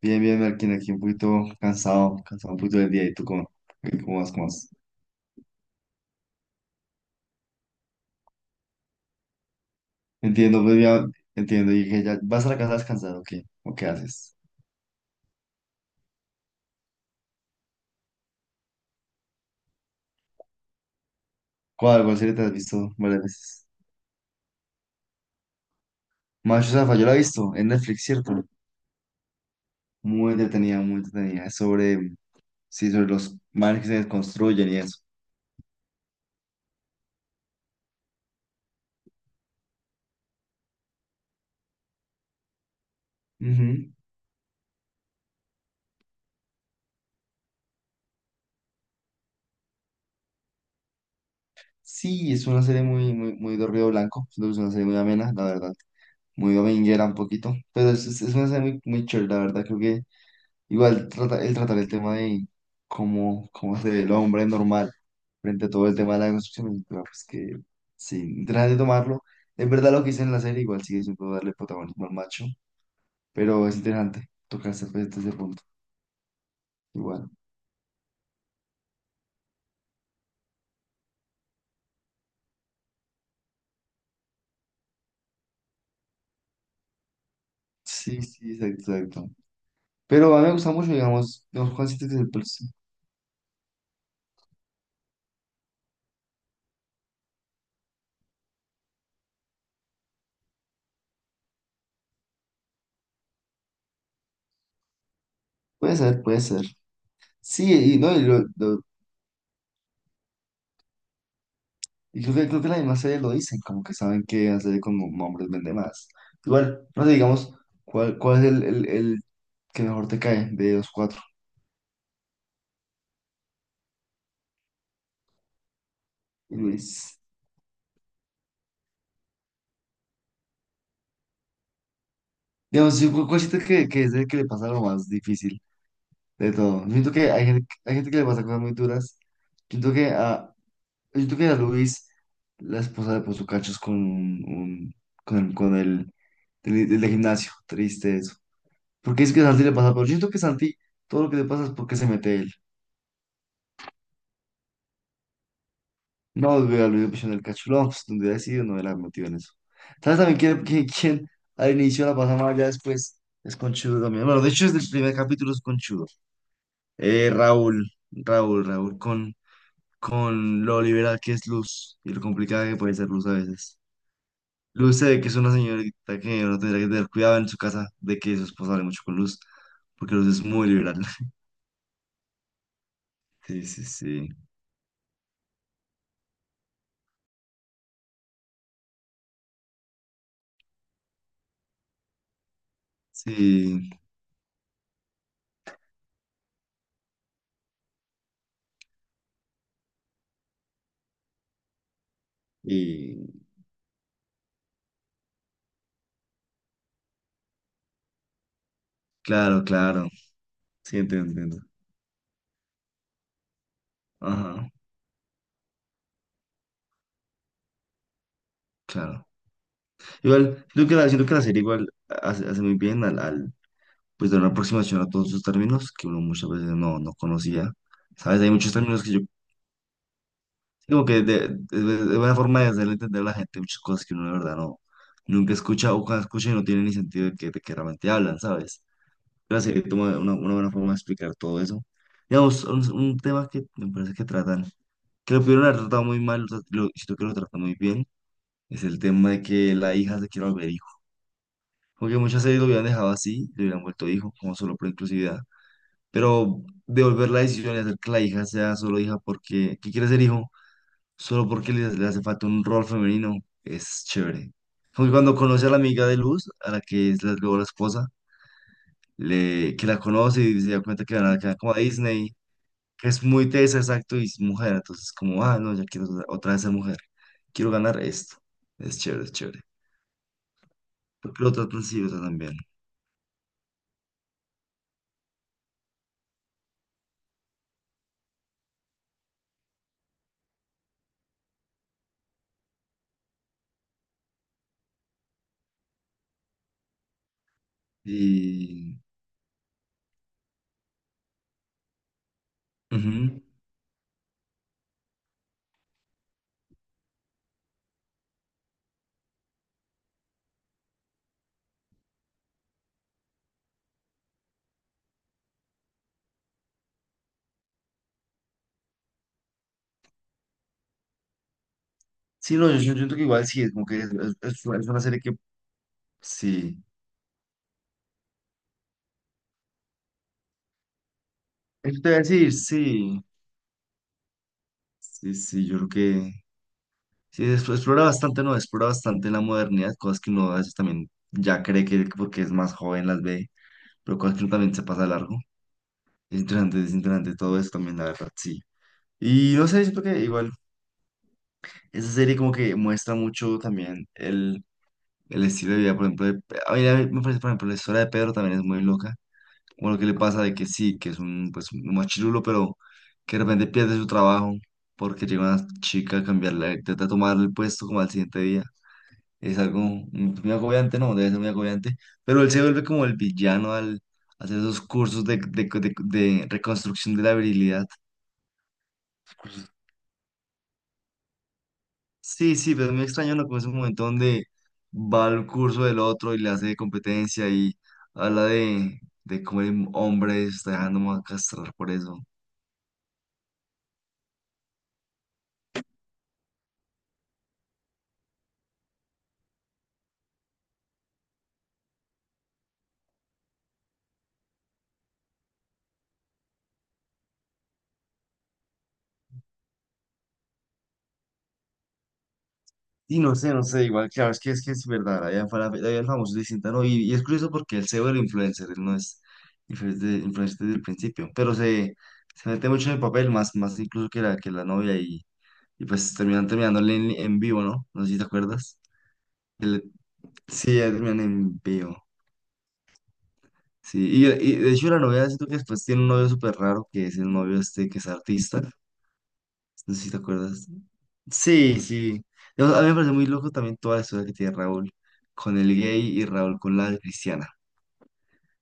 Bien, bien, Marquín, aquí un poquito cansado, un poquito del día. ¿Y tú cómo vas, cómo vas? Entiendo, pues ya, entiendo. Y dije, ya, ¿vas a la casa a descansar o qué? ¿O qué haces? ¿Cuál serie te has visto varias veces? Macho Zaffa, yo la he visto en Netflix, ¿cierto? Muy entretenida, muy entretenida. Es sí, sobre los manes que se desconstruyen y eso. Ujú. Sí, es una serie muy de ruido blanco. Siento que es una serie muy amena, la verdad. Muy dominguera un poquito. Pero es una serie muy, muy chévere, la verdad. Creo que igual trata, el tratar el tema de cómo se ve el hombre normal frente a todo el tema de la construcción, es pues que sí, interesante tomarlo. Es verdad lo que hice en la serie, igual sigue siendo darle protagonismo al macho, pero es interesante tocarse, pues, desde ese punto. Igual. Sí, sí, exacto, exacto. Pero a mí me gusta mucho, digamos, los conceptos que se pues, puede ser, puede ser. Sí, y no, y creo que la misma serie lo dicen, como que saben que hacer con hombres vende más. Igual, no sé, digamos. ¿Cuál es el que mejor te cae de los cuatro? Luis. Digamos, cuál siento que es el que le pasa lo más difícil de todo. Yo siento que hay gente que le pasa cosas muy duras. Yo siento que a, yo siento que a Luis, la esposa le puso cachos con con del del de gimnasio. Triste eso. Porque es que a Santi le pasa, pero yo siento que Santi, todo lo que le pasa es porque se mete él. No, güey, al mismo pichón del cachulón, pues, donde hubiera sido, no hubiera metido en eso. ¿Sabes también quién al inicio la pasa mal, ya después es conchudo también? Bueno, de hecho, desde el primer capítulo es conchudo. Raúl, Raúl, Raúl, con, con lo liberal que es Luz y lo complicada que puede ser Luz a veces. Luz se ve que es una señorita que uno tendría que tener cuidado en su casa de que su esposa hable mucho con Luz, porque Luz es muy liberal. Sí, sí, sí. Sí, y claro, claro. Sí, entiendo, entiendo. Ajá, claro. Igual, creo que la, siento que la serie igual hace muy bien pues dar una aproximación a todos esos términos que uno muchas veces no, no conocía. ¿Sabes? Hay muchos términos que yo, como que de buena forma de hacerle entender a la gente muchas cosas que uno de verdad no, nunca escucha o cuando escucha y no tiene ni sentido de que realmente hablan, ¿sabes? La serie toma una buena forma de explicar todo eso. Digamos, un tema que me parece que tratan, que lo pudieron haber tratado muy mal, siento que lo tratan muy bien, es el tema de que la hija se quiere volver. Como que muchas series lo hubieran dejado así, le hubieran vuelto hijo, como solo por inclusividad. Pero devolver la decisión y hacer que la hija sea solo hija porque, que quiere ser hijo, solo porque le hace falta un rol femenino, es chévere. Como que cuando conoce a la amiga de Luz, a la que es la, luego la esposa, que la conoce y se da cuenta que van a quedar como a Disney, que es muy tesa, exacto, y es mujer. Entonces, como, ah, no, ya quiero otra vez ser mujer, quiero ganar esto. Es chévere, es chévere. Porque lo tratan así, lo tratan bien. Y ujú. Sí, no, yo siento que igual sí, es como que es una serie que sí. Eso te voy a decir, sí. Sí, sí, yo creo que sí, es- explora bastante, ¿no? Explora bastante la modernidad, cosas que uno a veces también ya cree que porque es más joven las ve, pero cosas que uno también se pasa de largo. Es interesante todo eso también, la verdad, sí. Y no sé, siento que igual esa serie como que muestra mucho también el estilo de vida, por ejemplo, a mí me parece, por ejemplo, la historia de Pedro también es muy loca. Bueno, qué le pasa de que sí, que es un, pues, un machirulo, pero que de repente pierde su trabajo porque llega una chica a cambiarle, intenta tomarle el puesto como al siguiente día. Es algo muy agobiante, no, debe ser muy agobiante, pero él se vuelve como el villano al hacer esos cursos de reconstrucción de la virilidad. Sí, sí, pero es muy extraño, ¿no? Como ese momento donde va al curso del otro y le hace competencia y habla de cómo el hombre se está dejando más castrar por eso. Y no sé, no sé, igual, claro, es que es que es verdad, allá el famoso distinta, ¿no? Y es curioso porque él se vuelve influencer, él no es influencer, influencer desde el principio, pero se mete mucho en el papel, más, más incluso que la novia, y pues terminan terminándole en vivo, ¿no? No sé si te acuerdas. Él- sí, ya terminan en vivo, sí, y de hecho la novia siento que después tiene un novio súper raro, que es el novio este que es artista, no sé si te acuerdas. Sí, sí. A mí me parece muy loco también toda la historia que tiene Raúl con el gay y Raúl con la cristiana.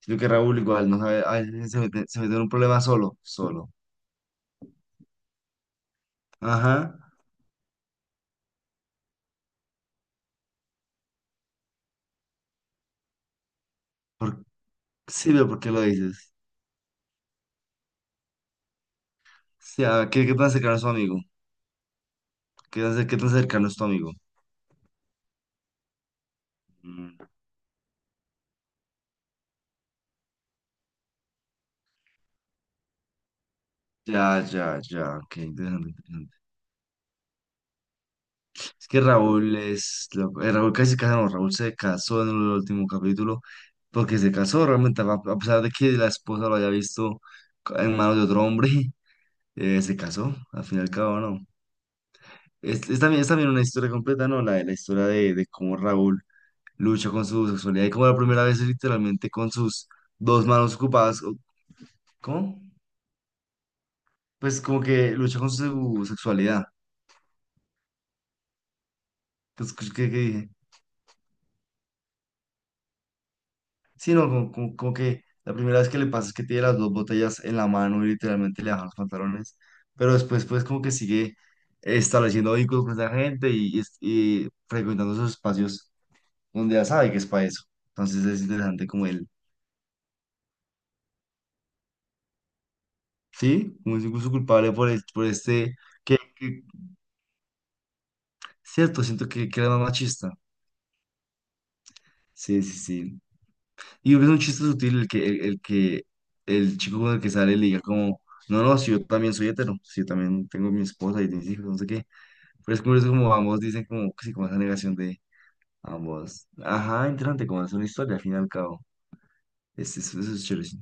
Sino que Raúl igual no sabe, a veces se mete en un problema solo, solo. Ajá. Por- sí, pero ¿por qué lo dices? Sí, ah, ¿qué tan cercano es tu amigo? Qué tan cercano es tu amigo? Mm, ya. Ok, interesante, interesante. Es que Raúl es loco. Raúl casi se casó, no, Raúl se casó en el último capítulo porque se casó realmente, a pesar de que la esposa lo haya visto en manos de otro hombre. Se casó, al fin y al cabo, ¿no? Es también, es también una historia completa, ¿no? La historia de cómo Raúl lucha con su sexualidad y cómo la primera vez es literalmente con sus dos manos ocupadas, ¿cómo? Pues como que lucha con su sexualidad. Pues, ¿qué dije? Sí, no, como que la primera vez que le pasa es que tiene las dos botellas en la mano y literalmente le bajan los pantalones, pero después pues como que sigue estableciendo vínculos con esa gente y frecuentando esos espacios donde ya sabe que es para eso. Entonces es interesante como él, sí, como es incluso culpable por, por este, que, que- cierto, siento que era más machista. Sí, sí, sí. Y es un chiste sutil el que el chico con el que sale le diga como, no, no, si yo también soy hetero, si yo también tengo mi esposa y mis hijos, no sé qué. Pero es curioso como ambos dicen como, sí, como esa negación de ambos. Ajá, interesante, como es una historia al fin y al cabo. Eso es chévere. Sí.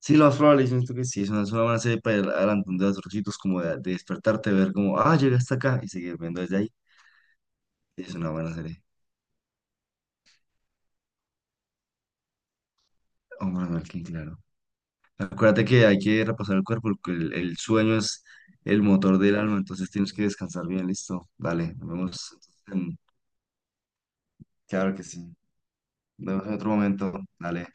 Sí, lo más probable, yo siento que sí, es una buena serie para ir adelante de los sitios, como de despertarte, ver como, ah, llegué hasta acá y seguir viendo desde ahí. Es una buena serie. Hombre, Malkin, claro. Acuérdate que hay que repasar el cuerpo, porque el sueño es el motor del alma, entonces tienes que descansar bien, listo. Dale, nos vemos. en- Claro que sí. Nos vemos en otro momento. Dale.